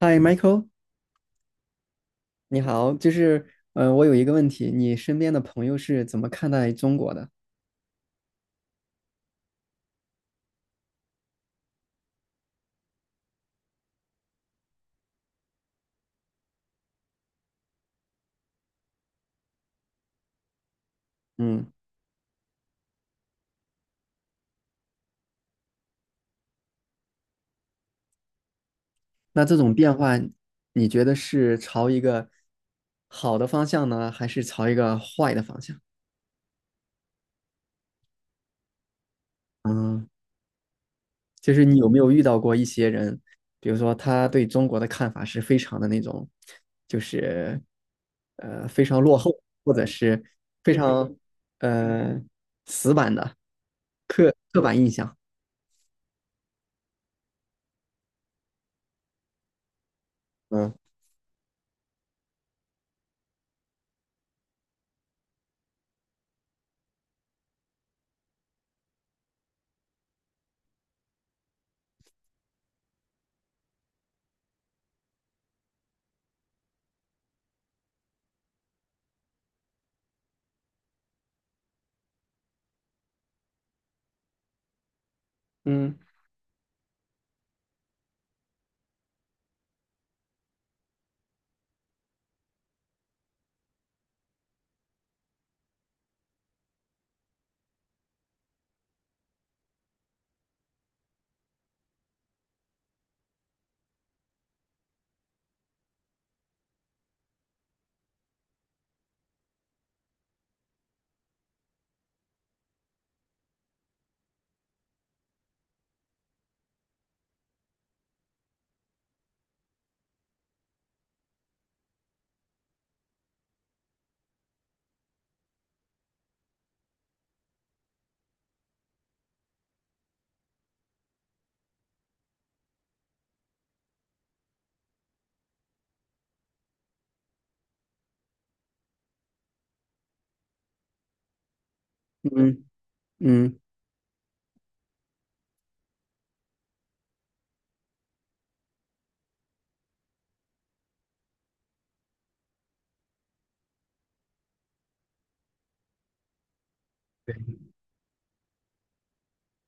嗨，Michael，你好，就是，我有一个问题，你身边的朋友是怎么看待中国的？嗯，那这种变化，你觉得是朝一个好的方向呢，还是朝一个坏的方向？嗯，就是你有没有遇到过一些人，比如说他对中国的看法是非常的那种，就是非常落后，或者是非常呃死板的刻板印象？嗯嗯嗯。嗯，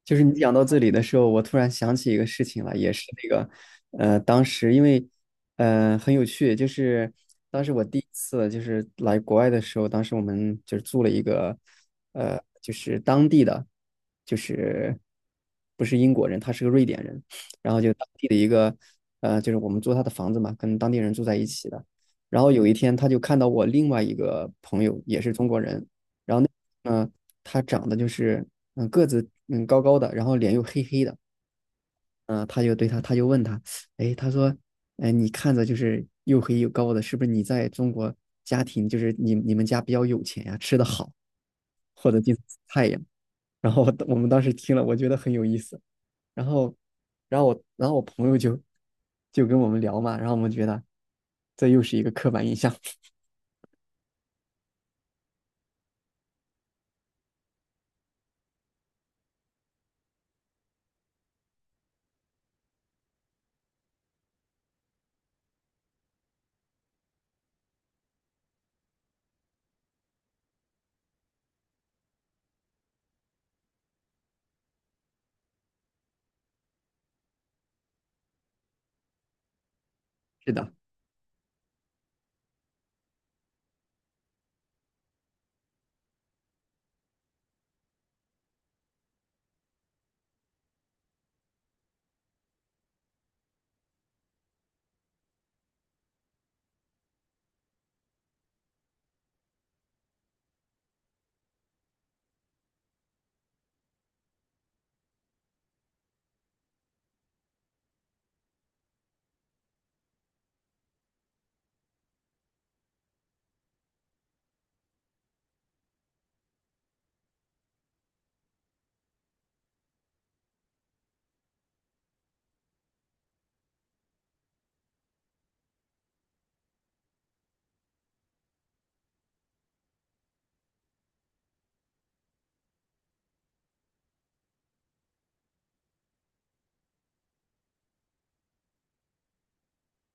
就是你讲到这里的时候，我突然想起一个事情了，也是那个，当时因为，很有趣，就是当时我第一次就是来国外的时候，当时我们就是住了一个，就是当地的，就是不是英国人，他是个瑞典人，然后就当地的一个，就是我们租他的房子嘛，跟当地人住在一起的，然后有一天他就看到我另外一个朋友也是中国人，嗯、他长得就是个子嗯高高的，然后脸又黑黑的，嗯、他就问他，哎，他说，哎，你看着就是又黑又高的，是不是你在中国家庭就是你们家比较有钱呀、吃的好，或者经太阳？然后我们当时听了，我觉得很有意思。然后，然后我朋友就就跟我们聊嘛，然后我们觉得这又是一个刻板印象。是的，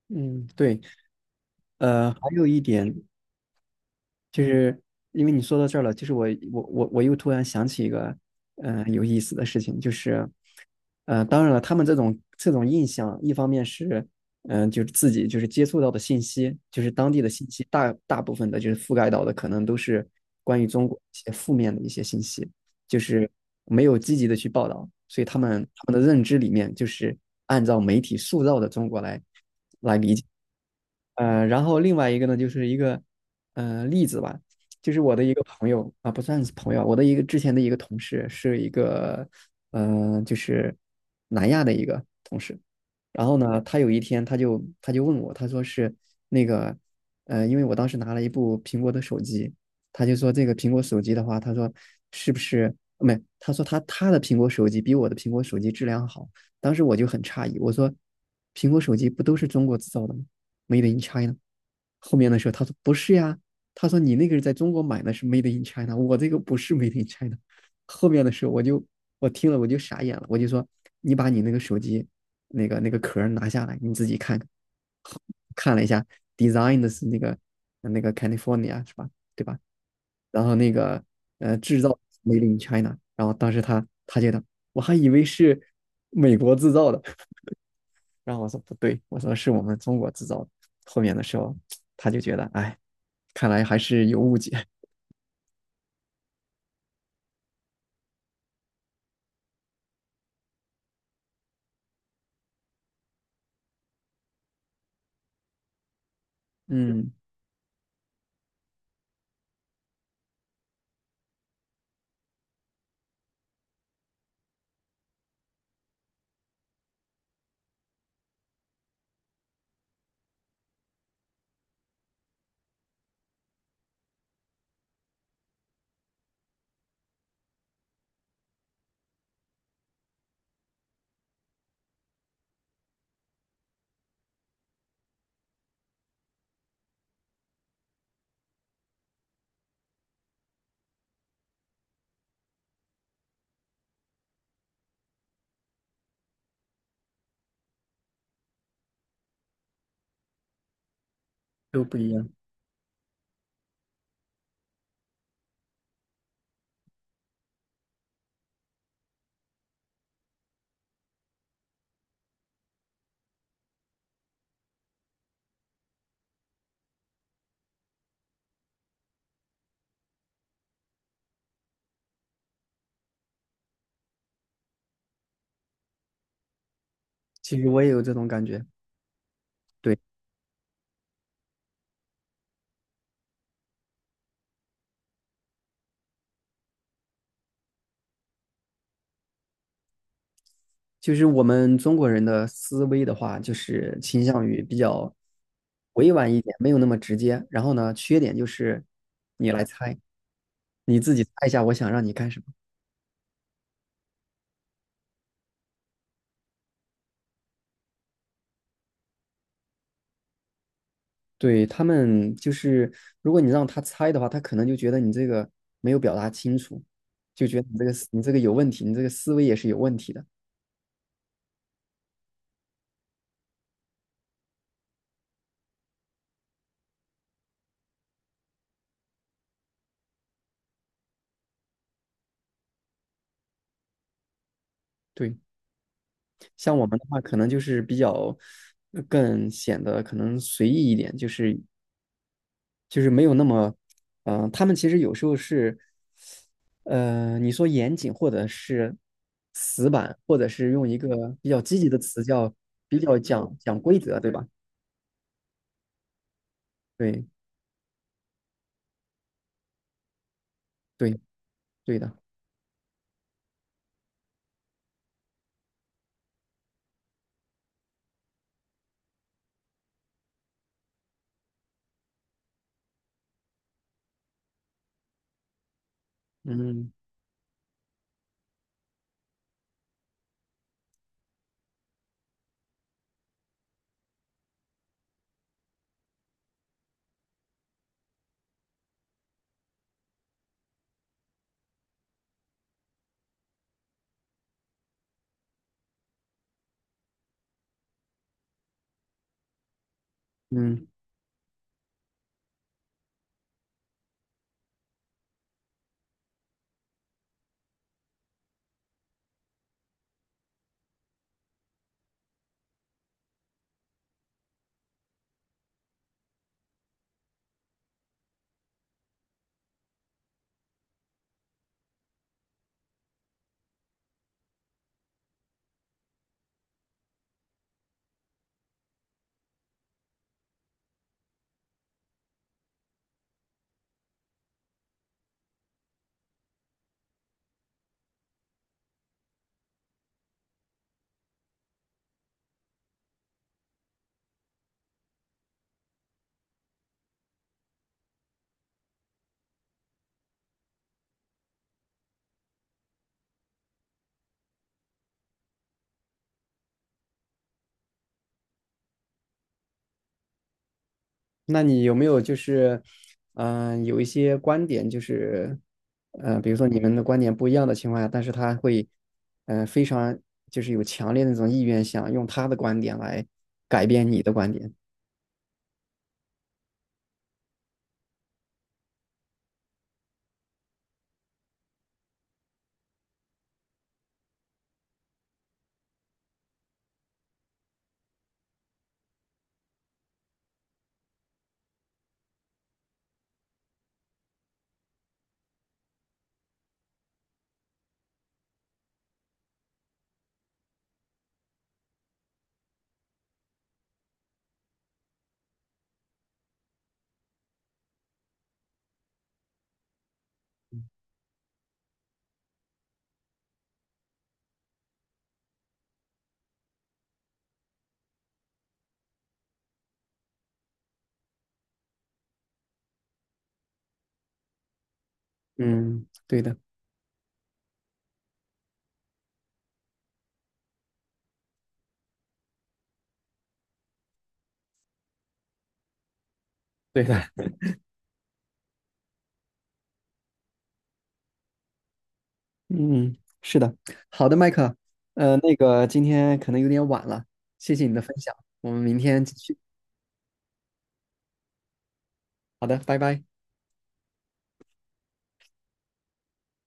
嗯，对，呃，还有一点。就是因为你说到这儿了，就是我又突然想起一个有意思的事情，就是当然了，他们这种这种印象，一方面是就是自己就是接触到的信息，就是当地的信息大部分的就是覆盖到的可能都是关于中国一些负面的一些信息，就是没有积极的去报道，所以他们的认知里面就是按照媒体塑造的中国来。然后另外一个呢，就是一个例子吧，就是我的一个朋友啊，不算是朋友，我的一个之前的一个同事，是一个就是南亚的一个同事。然后呢，他有一天他就问我，他说是那个因为我当时拿了一部苹果的手机，他就说这个苹果手机的话，他说是不是没？他说他的苹果手机比我的苹果手机质量好。当时我就很诧异，我说：“苹果手机不都是中国制造的吗？Made in China。”后面的时候他说：“不是呀。”他说：“你那个是在中国买的，是 Made in China，我这个不是 Made in China。”后面的时候我听了我就傻眼了，我就说：“你把你那个手机那个壳拿下来，你自己看看。”看了一下，design 的是那个 California 是吧？对吧？然后那个制造 Made in China，然后当时他觉得。我还以为是美国制造的。然后我说不对，我说是我们中国制造的。后面的时候他就觉得，哎，看来还是有误解。嗯，都不一样。其实我也有这种感觉，对，就是我们中国人的思维的话，就是倾向于比较委婉一点，没有那么直接。然后呢，缺点就是你来猜，你自己猜一下，我想让你干什么。对，他们就是，如果你让他猜的话，他可能就觉得你这个没有表达清楚，就觉得你这个思你这个有问题，你这个思维也是有问题的。对，像我们的话，可能就是比较更显得可能随意一点，就是就是没有那么，嗯、他们其实有时候是，你说严谨或者是死板，或者是用一个比较积极的词叫比较讲规则，对吧？对对对的，嗯。嗯，那你有没有就是，嗯、有一些观点就是，比如说你们的观点不一样的情况下，但是他会，嗯、非常就是有强烈的那种意愿，想用他的观点来改变你的观点。嗯，对的，对的，嗯，是的，好的，麦克，那个今天可能有点晚了，谢谢你的分享，我们明天继续。好的，拜拜。